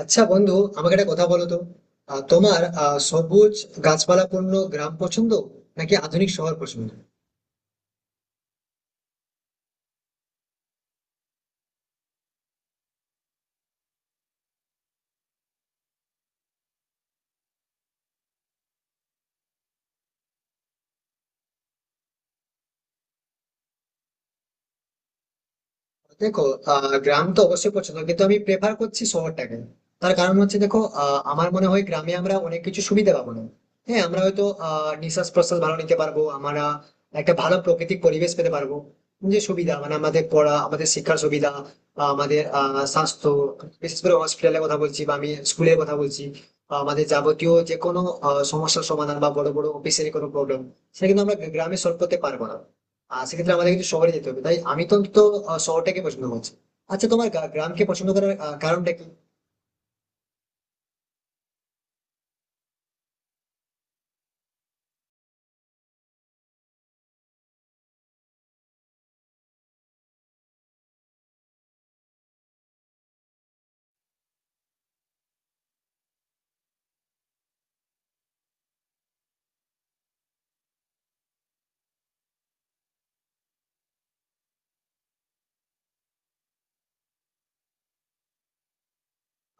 আচ্ছা বন্ধু, আমাকে একটা কথা বলো তো। তোমার সবুজ গাছপালাপূর্ণ গ্রাম পছন্দ নাকি আধুনিক শহর পছন্দ? দেখো, গ্রাম তো অবশ্যই পছন্দ, কিন্তু আমি প্রেফার করছি শহরটাকে। তার কারণ হচ্ছে দেখো, আমার মনে হয় গ্রামে আমরা অনেক কিছু সুবিধা পাবো না। হ্যাঁ, আমরা হয়তো নিঃশ্বাস প্রশ্বাস ভালো নিতে পারবো আমরা, একটা ভালো প্রাকৃতিক পরিবেশ পেতে পারবো। যে সুবিধা মানে আমাদের পড়া, আমাদের শিক্ষার সুবিধা, বা আমাদের স্বাস্থ্য, বিশেষ করে হসপিটালের কথা বলছি বা আমি স্কুলের কথা বলছি, বা আমাদের যাবতীয় যে কোনো সমস্যার সমাধান বা বড় বড় অফিসের কোনো প্রবলেম, সেটা কিন্তু আমরা গ্রামে সলভ করতে পারবো না। সেক্ষেত্রে আমাদের কিন্তু শহরে যেতে হবে, তাই আমি তো অন্তত শহরটাকে পছন্দ করছি। আচ্ছা, তোমার গ্রামকে পছন্দ করার কারণটা কি?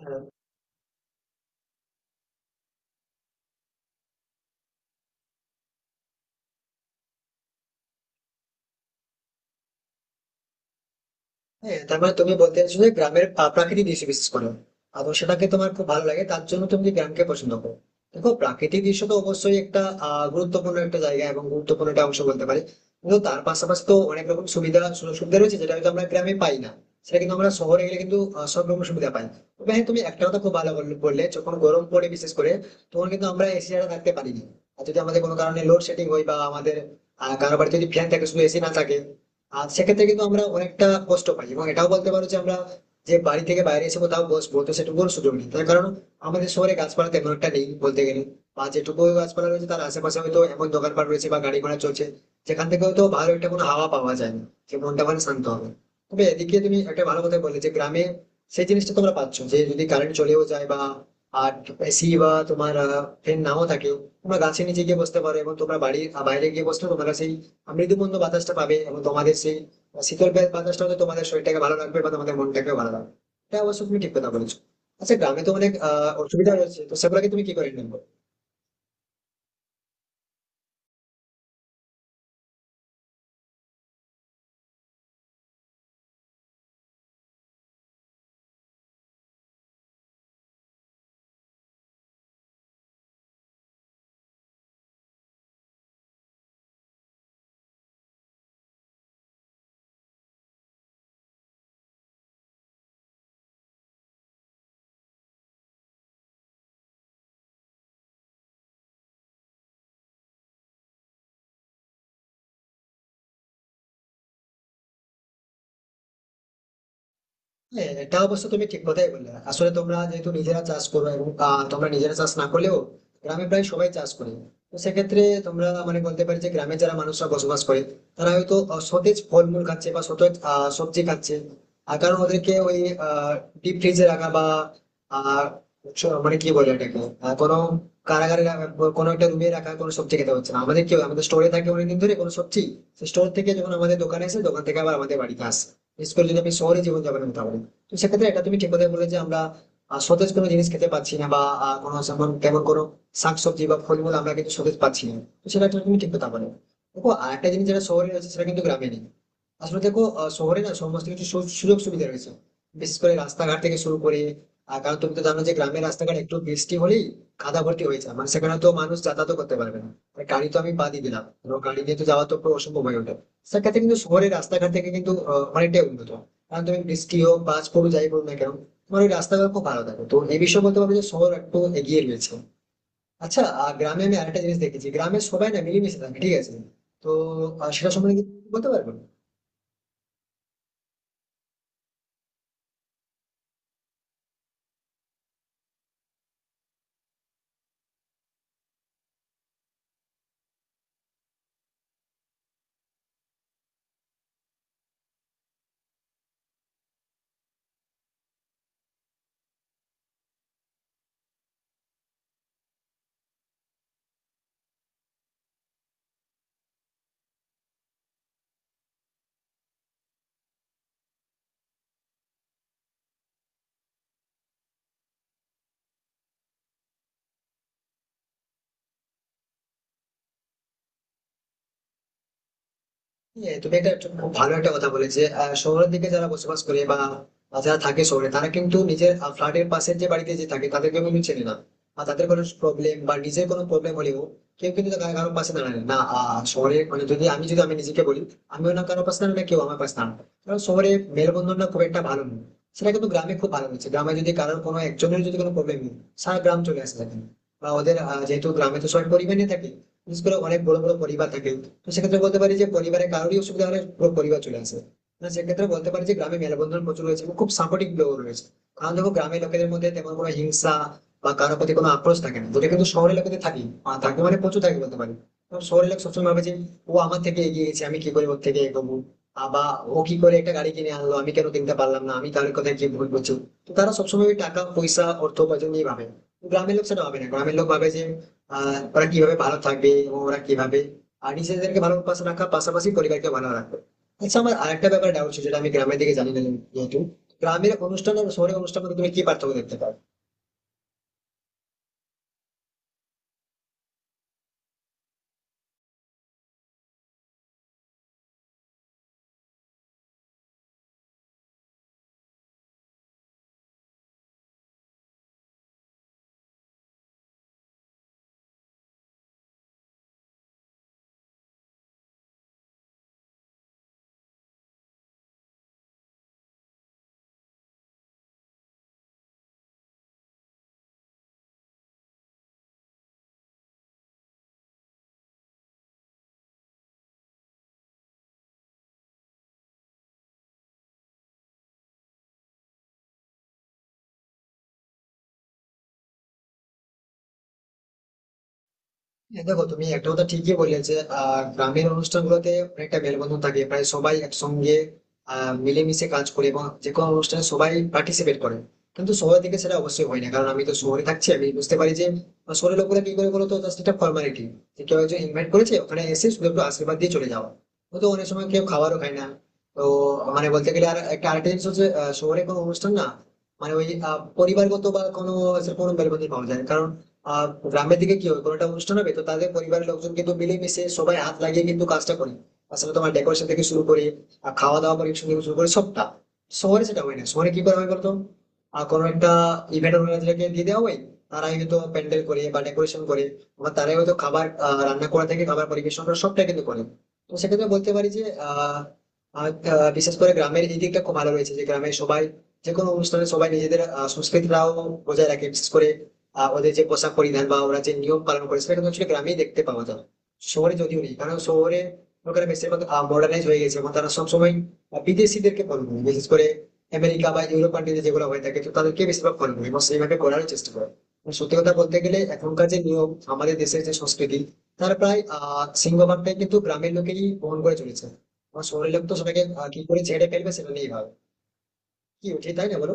আহ, হ্যাঁ, তার মানে তুমি বলতে চাইছো যে গ্রামের প্রাকৃতিক দৃশ্য বিশেষ করে, এবং সেটাকে তোমার খুব ভালো লাগে, তার জন্য তুমি গ্রামকে পছন্দ করো। দেখো, প্রাকৃতিক দৃশ্য তো অবশ্যই একটা গুরুত্বপূর্ণ একটা জায়গা এবং গুরুত্বপূর্ণ একটা অংশ বলতে পারি, কিন্তু তার পাশাপাশি তো অনেক রকম সুবিধা, সুযোগ সুবিধা রয়েছে, যেটা হয়তো আমরা গ্রামে পাই না। সেটা কিন্তু আমরা শহরে গেলে কিন্তু সব রকম সুবিধা পাই। তবে হ্যাঁ, তুমি একটা কথা খুব ভালো বললে, যখন গরম পড়ে বিশেষ করে, তখন কিন্তু আমরা এসি ছাড়া থাকতে পারি না। আর যদি আমাদের কোনো কারণে লোড শেডিং হয় বা আমাদের কারো বাড়িতে যদি ফ্যান থাকে, শুধু এসি না থাকে, আর সেক্ষেত্রে কিন্তু আমরা অনেকটা কষ্ট পাই, এবং এটাও বলতে পারো যে আমরা, যে বাড়ি থেকে বাইরে এসে কোথাও বসবো, তো সেটুকুর সুযোগ নেই, তার কারণ আমাদের শহরে গাছপালা তেমন একটা নেই বলতে গেলে। বা যেটুকু গাছপালা রয়েছে তার আশেপাশে হয়তো এমন দোকানপাট রয়েছে বা গাড়ি ঘোড়া চলছে, যেখান থেকে হয়তো ভালো একটা কোনো হাওয়া পাওয়া যায় না, যে মনটা মানে শান্ত হবে। তবে এদিকে তুমি একটা ভালো কথা বললে যে গ্রামে সেই জিনিসটা তোমরা পাচ্ছ, যে যদি কারেন্ট চলেও যায় বা আর এসি বা তোমার ফ্যান নাও থাকে, তোমরা গাছের নিচে গিয়ে বসতে পারো, এবং তোমরা বাড়ির বাইরে গিয়ে বসলে তোমরা সেই মৃদুমন্দ বাতাসটা পাবে, এবং তোমাদের সেই শীতল বাতাসটা হয়তো তোমাদের শরীরটাকে ভালো রাখবে বা তোমাদের মনটাকে ভালো রাখবে। এটা অবশ্য তুমি ঠিক কথা বলেছো। আচ্ছা, গ্রামে তো অনেক অসুবিধা রয়েছে, তো সেগুলোকে তুমি কি করে নেবো? হ্যাঁ, এটা অবশ্য তুমি ঠিক কথাই বললে। আসলে তোমরা যেহেতু নিজেরা চাষ করো এবং তোমরা নিজেরা চাষ না করলেও গ্রামে প্রায় সবাই চাষ করে। তো সেক্ষেত্রে তোমরা মানে বলতে পারি যে গ্রামে যারা মানুষরা বসবাস করে, তারা হয়তো সতেজ ফলমূল খাচ্ছে বা সতেজ সবজি খাচ্ছে। আর কারণ ওদেরকে ওই ডিপ ফ্রিজে রাখা বা আহ, মানে কি বলে এটাকে, কোনো কারাগারে রাখা, কোনো একটা রুমে রাখা কোনো সবজি খেতে হচ্ছে না। আমাদের কি হয়, আমাদের স্টোরে থাকে অনেকদিন ধরে কোনো সবজি, সেই স্টোর থেকে যখন আমাদের দোকানে আসে, দোকান থেকে আবার আমাদের বাড়িতে আসে। বিশেষ করে যদি আমি শহরে জীবনযাপনের কথা বলি, তো সেক্ষেত্রে এটা তুমি ঠিক কথাই বলে যে আমরা সতেজ কোনো জিনিস খেতে পাচ্ছি না, বা কোনো যেমন তেমন কোনো শাকসবজি বা ফলমূল আমরা কিন্তু সতেজ পাচ্ছি না। তো সেটা একটা তুমি ঠিক কথা বলে। দেখো, আরেকটা জিনিস যেটা শহরে রয়েছে সেটা কিন্তু গ্রামে নেই। আসলে দেখো, শহরে না সমস্ত কিছু সুযোগ সুবিধা রয়েছে, বিশেষ করে রাস্তাঘাট থেকে শুরু করে। কারণ তুমি তো জানো যে গ্রামের রাস্তাঘাট একটু বৃষ্টি হলেই কাদা ভর্তি হয়ে যায়, মানে সেখানে তো মানুষ যাতায়াত করতে পারবে না। আর গাড়ি তো আমি বাদই দিলাম, কারণ গাড়ি নিয়ে তো যাওয়া তো পুরো অসম্ভব হয়ে ওঠে। সেক্ষেত্রে কিন্তু শহরের রাস্তাঘাট থেকে কিন্তু অনেকটাই উন্নত, কারণ তুমি বৃষ্টি হোক, বাজ পড়ুক, যাই পড়ুক না কেন, তোমার ওই রাস্তাঘাট খুব ভালো থাকে। তো এই বিষয়ে বলতে পারবো যে শহর একটু এগিয়ে রয়েছে। আচ্ছা, আর গ্রামে আমি আরেকটা জিনিস দেখেছি, গ্রামে সবাই না মিলেমিশে থাকে, ঠিক আছে। তো সেটা সম্বন্ধে কি বলতে পারবেন? হ্যাঁ, তুমি এটা একটা খুব ভালো একটা কথা বলে যে শহরের দিকে যারা বসবাস করে বা যারা থাকে শহরে, তারা কিন্তু নিজের ফ্ল্যাটের পাশের যে বাড়িতে যে থাকে তাদেরকে কিন্তু চেনে না। আর তাদের কোনো প্রবলেম বা নিজের কোনো প্রবলেম হলেও কেউ কিন্তু কারো কারো পাশে দাঁড়ায় না, না, শহরে মানে যদি আমি নিজেকে বলি, আমিও না কারো পাশে দাঁড়াই না, কেউ আমার পাশে দাঁড়ায় না। কারণ শহরে মেলবন্ধনটা খুব একটা ভালো নয়। সেটা কিন্তু গ্রামে খুব ভালো, হচ্ছে গ্রামে যদি কারোর কোনো একজনের যদি কোনো প্রবলেম নেই, সারা গ্রাম চলে আসে সেখানে। বা ওদের যেহেতু গ্রামে তো সবাই পরিবার নিয়ে থাকে, বিশেষ করে অনেক বড় বড় পরিবার থাকে, তো সেক্ষেত্রে বলতে পারি যে পরিবারে কারোরই অসুবিধা হলে পুরো পরিবার চলে আসে। মানে সেক্ষেত্রে বলতে পারি যে গ্রামে মেলবন্ধন প্রচুর রয়েছে এবং খুব সাপোর্টিভ লোক রয়েছে। কারণ দেখো, গ্রামের লোকেদের মধ্যে তেমন কোনো হিংসা বা কারোর প্রতি কোনো আক্রোশ থাকে না, যেটা কিন্তু শহরের লোকেদের থাকি, থাকে মানে প্রচুর থাকে বলতে পারি। কারণ শহরের লোক সবসময় ভাবে যে ও আমার থেকে এগিয়ে গেছে, আমি কি করে ওর থেকে এগোবো, বা ও কি করে একটা গাড়ি কিনে আনলো, আমি কেন কিনতে পারলাম না, আমি তার কথা কি ভুল করছি। তো তারা সবসময় ওই টাকা পয়সা, অর্থ উপার্জন নিয়ে ভাবে। গ্রামের লোক সেটা ভাবে না, গ্রামের লোক ভাবে যে ওরা কিভাবে ভালো থাকবে এবং ওরা কিভাবে আর নিজেদেরকে ভালো অভ্যাস রাখার পাশাপাশি পরিবারকে ভালো রাখবে। আচ্ছা, আমার আরেকটা ব্যাপার ডাউট ছিল, যেটা আমি গ্রামের দিকে জানি না। যেহেতু গ্রামের অনুষ্ঠান আর শহরের অনুষ্ঠানের মধ্যে তুমি কি পার্থক্য দেখতে পাও? হ্যাঁ, দেখো, তুমি একটা কথা ঠিকই বললে যে গ্রামের অনুষ্ঠানগুলোতে অনেকটা মেলবন্ধন থাকে, প্রায় সবাই একসঙ্গে মিলেমিশে কাজ করে, এবং যে কোনো অনুষ্ঠানে সবাই পার্টিসিপেট করে। কিন্তু শহরের দিকে সেটা অবশ্যই হয় না, কারণ আমি তো শহরে থাকছি, আমি বুঝতে পারি যে শহরের লোকেরা কি করে বলতো, জাস্ট একটা ফর্মালিটি, যে কেউ একজন ইনভাইট করেছে, ওখানে এসে শুধু একটু আশীর্বাদ দিয়ে চলে যাওয়া। ও তো অনেক সময় কেউ খাবারও খায় না। তো মানে বলতে গেলে আর একটা আরেকটা জিনিস হচ্ছে, শহরে কোনো অনুষ্ঠান না, মানে ওই পরিবারগত বা কোনো সেরকম কোনো মেলবন্ধন পাওয়া যায় না। কারণ আহ গ্রামের দিকে কি হয়, কোনো একটা অনুষ্ঠান হবে তো তাদের পরিবারের লোকজন কিন্তু মিলেমিশে সবাই হাত লাগিয়ে কিন্তু কাজটা করে। আসলে তোমার ডেকোরেশন থেকে শুরু করে, আর খাওয়া দাওয়া পরিবেশন থেকে শুরু করে সবটা। শহরে সেটা হয় না, শহরে কি করা হয় বলতো, আর কোনো একটা ইভেন্ট অর্গানাইজারকে দিয়ে দেওয়া হয়। তারাই হয়তো প্যান্ডেল করে বা ডেকোরেশন করে, আবার তারাই হয়তো খাবার রান্না করা থেকে খাবার পরিবেশন করা সবটাই কিন্তু করে। তো সেক্ষেত্রে বলতে পারি যে আহ আর, বিশেষ করে গ্রামের এই দিকটা খুব ভালো রয়েছে যে গ্রামে সবাই, যে কোনো অনুষ্ঠানে সবাই নিজেদের সংস্কৃতিটাও বজায় রাখে, বিশেষ করে ওদের যে পোশাক পরিধান বা ওরা যে নিয়ম পালন করে, সেটা কিন্তু actually গ্রামেই দেখতে পাওয়া যায়। শহরে যদিও নেই, কারণ শহরে লোকেরা বেশিরভাগ মডার্নাইজ হয়ে গেছে, এবং তারা সবসময় বিদেশিদেরকে ফলো করে, বিশেষ করে আমেরিকা বা ইউরোপ কান্ট্রিতে যেগুলো হয়ে থাকে তো তাদেরকে বেশিরভাগ ফলো করে এবং সেইভাবে করার চেষ্টা করে। এবং সত্যি কথা বলতে গেলে এখনকার যে নিয়ম, আমাদের দেশের যে সংস্কৃতি, তার প্রায় সিংহভাগটাই কিন্তু গ্রামের লোকেরই বহন করে চলেছে। আমার শহরের লোক তো সবাইকে কি করে ছেড়ে ফেলবে সেটা নিয়ে ভাবে। কি উঠে, তাই না বলো?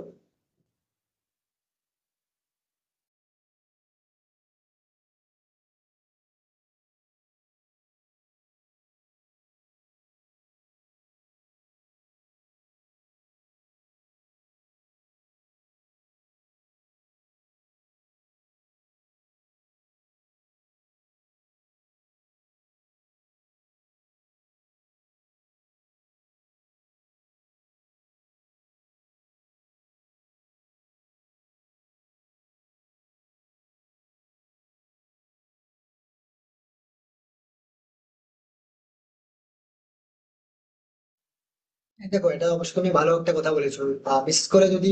দেখো, এটা অবশ্যই তুমি ভালো একটা কথা বলেছো। বিশেষ করে যদি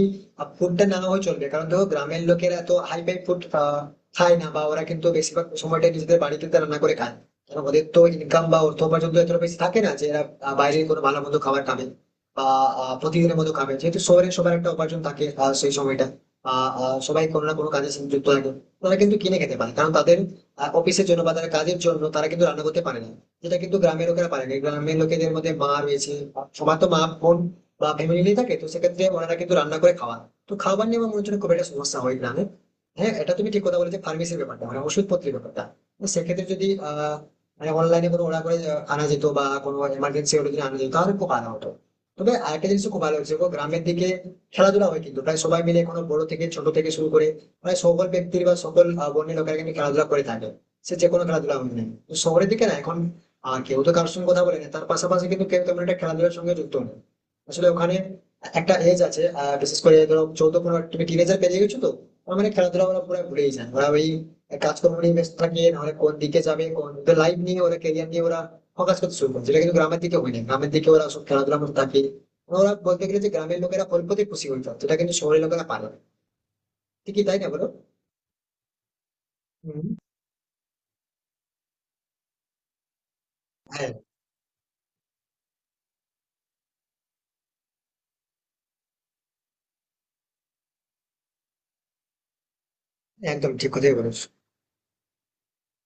ফুডটা না হয় চলবে, কারণ দেখো গ্রামের লোকেরা তো হাই ফাই ফুড খায় না, বা ওরা কিন্তু বেশিরভাগ সময়টা নিজেদের বাড়িতে তারা রান্না করে খায়। কারণ ওদের তো ইনকাম বা অর্থ উপার্জন তো এতটা বেশি থাকে না যে এরা বাইরে কোনো ভালো মন্দ খাবার খাবে, বা প্রতিদিনের মতো খাবে। যেহেতু শহরে সবার একটা উপার্জন থাকে, সেই সময়টা আহ, আহ, সবাই কোনো না কোনো কাজের সাথে যুক্ত থাকে। তারা কিন্তু কিনে খেতে পারে, কারণ তাদের অফিসের জন্য বা তাদের কাজের জন্য তারা কিন্তু রান্না করতে পারে না, যেটা কিন্তু গ্রামের লোকেরা পারে না। গ্রামের লোকেদের মধ্যে মা রয়েছে, সবার তো মা বোন বা ফ্যামিলি থাকে, তো সেক্ষেত্রে ওনারা কিন্তু রান্না করে খাওয়া। তো খাবার নিয়ে আমার মনে হচ্ছে না খুব একটা সমস্যা হয় গ্রামে। হ্যাঁ, এটা তুমি ঠিক কথা বলেছো, ফার্মেসির ব্যাপারটা, মানে ওষুধপত্রের ব্যাপারটা। তো সেক্ষেত্রে যদি মানে অনলাইনে কোনো অর্ডার করে আনা যেত বা কোনো এমার্জেন্সি হলে যদি আনা যেত, তাহলে খুব ভালো হতো। তবে আরেকটা জিনিস খুব ভালো হয়েছে গো, গ্রামের দিকে খেলাধুলা হয় কিন্তু প্রায় সবাই মিলে, কোনো বড় থেকে ছোট থেকে শুরু করে প্রায় সকল ব্যক্তির বা সকল বর্ণের লোকেরা কিন্তু খেলাধুলা করে থাকে, সে যে কোনো খেলাধুলা হোক না কেন। তো শহরের দিকে না এখন কেউ তো কারোর সঙ্গে কথা বলেনি, তার পাশাপাশি কিন্তু কেউ তেমন একটা খেলাধুলার সঙ্গে যুক্ত নেই। আসলে ওখানে একটা এজ আছে, বিশেষ করে ধরো 14-15, তুমি টিনেজার পেরিয়ে গেছো তো, ওরা মানে খেলাধুলা ওরা পুরো ভুলেই যায়, ওরা ওই কাজকর্ম নিয়ে ব্যস্ত থাকে, নাহলে কোন দিকে যাবে, কোন লাইফ নিয়ে ওরা, কেরিয়ার নিয়ে ওরা ফোকাস করতে শুরু করে, যেটা কিন্তু গ্রামের দিকে হয় না, গ্রামের দিকে ওরা সব খেলাধুলার মধ্যে থাকে। ওরা বলতে গেলে যে গ্রামের লোকেরা অল্পতেই খুশি হয়ে যায়, যেটা কিন্তু শহরের লোকেরা পারে না। ঠিকই, তাই না বলো? হুম। হ্যাঁ, একদম ঠিক কথাই বলেছো।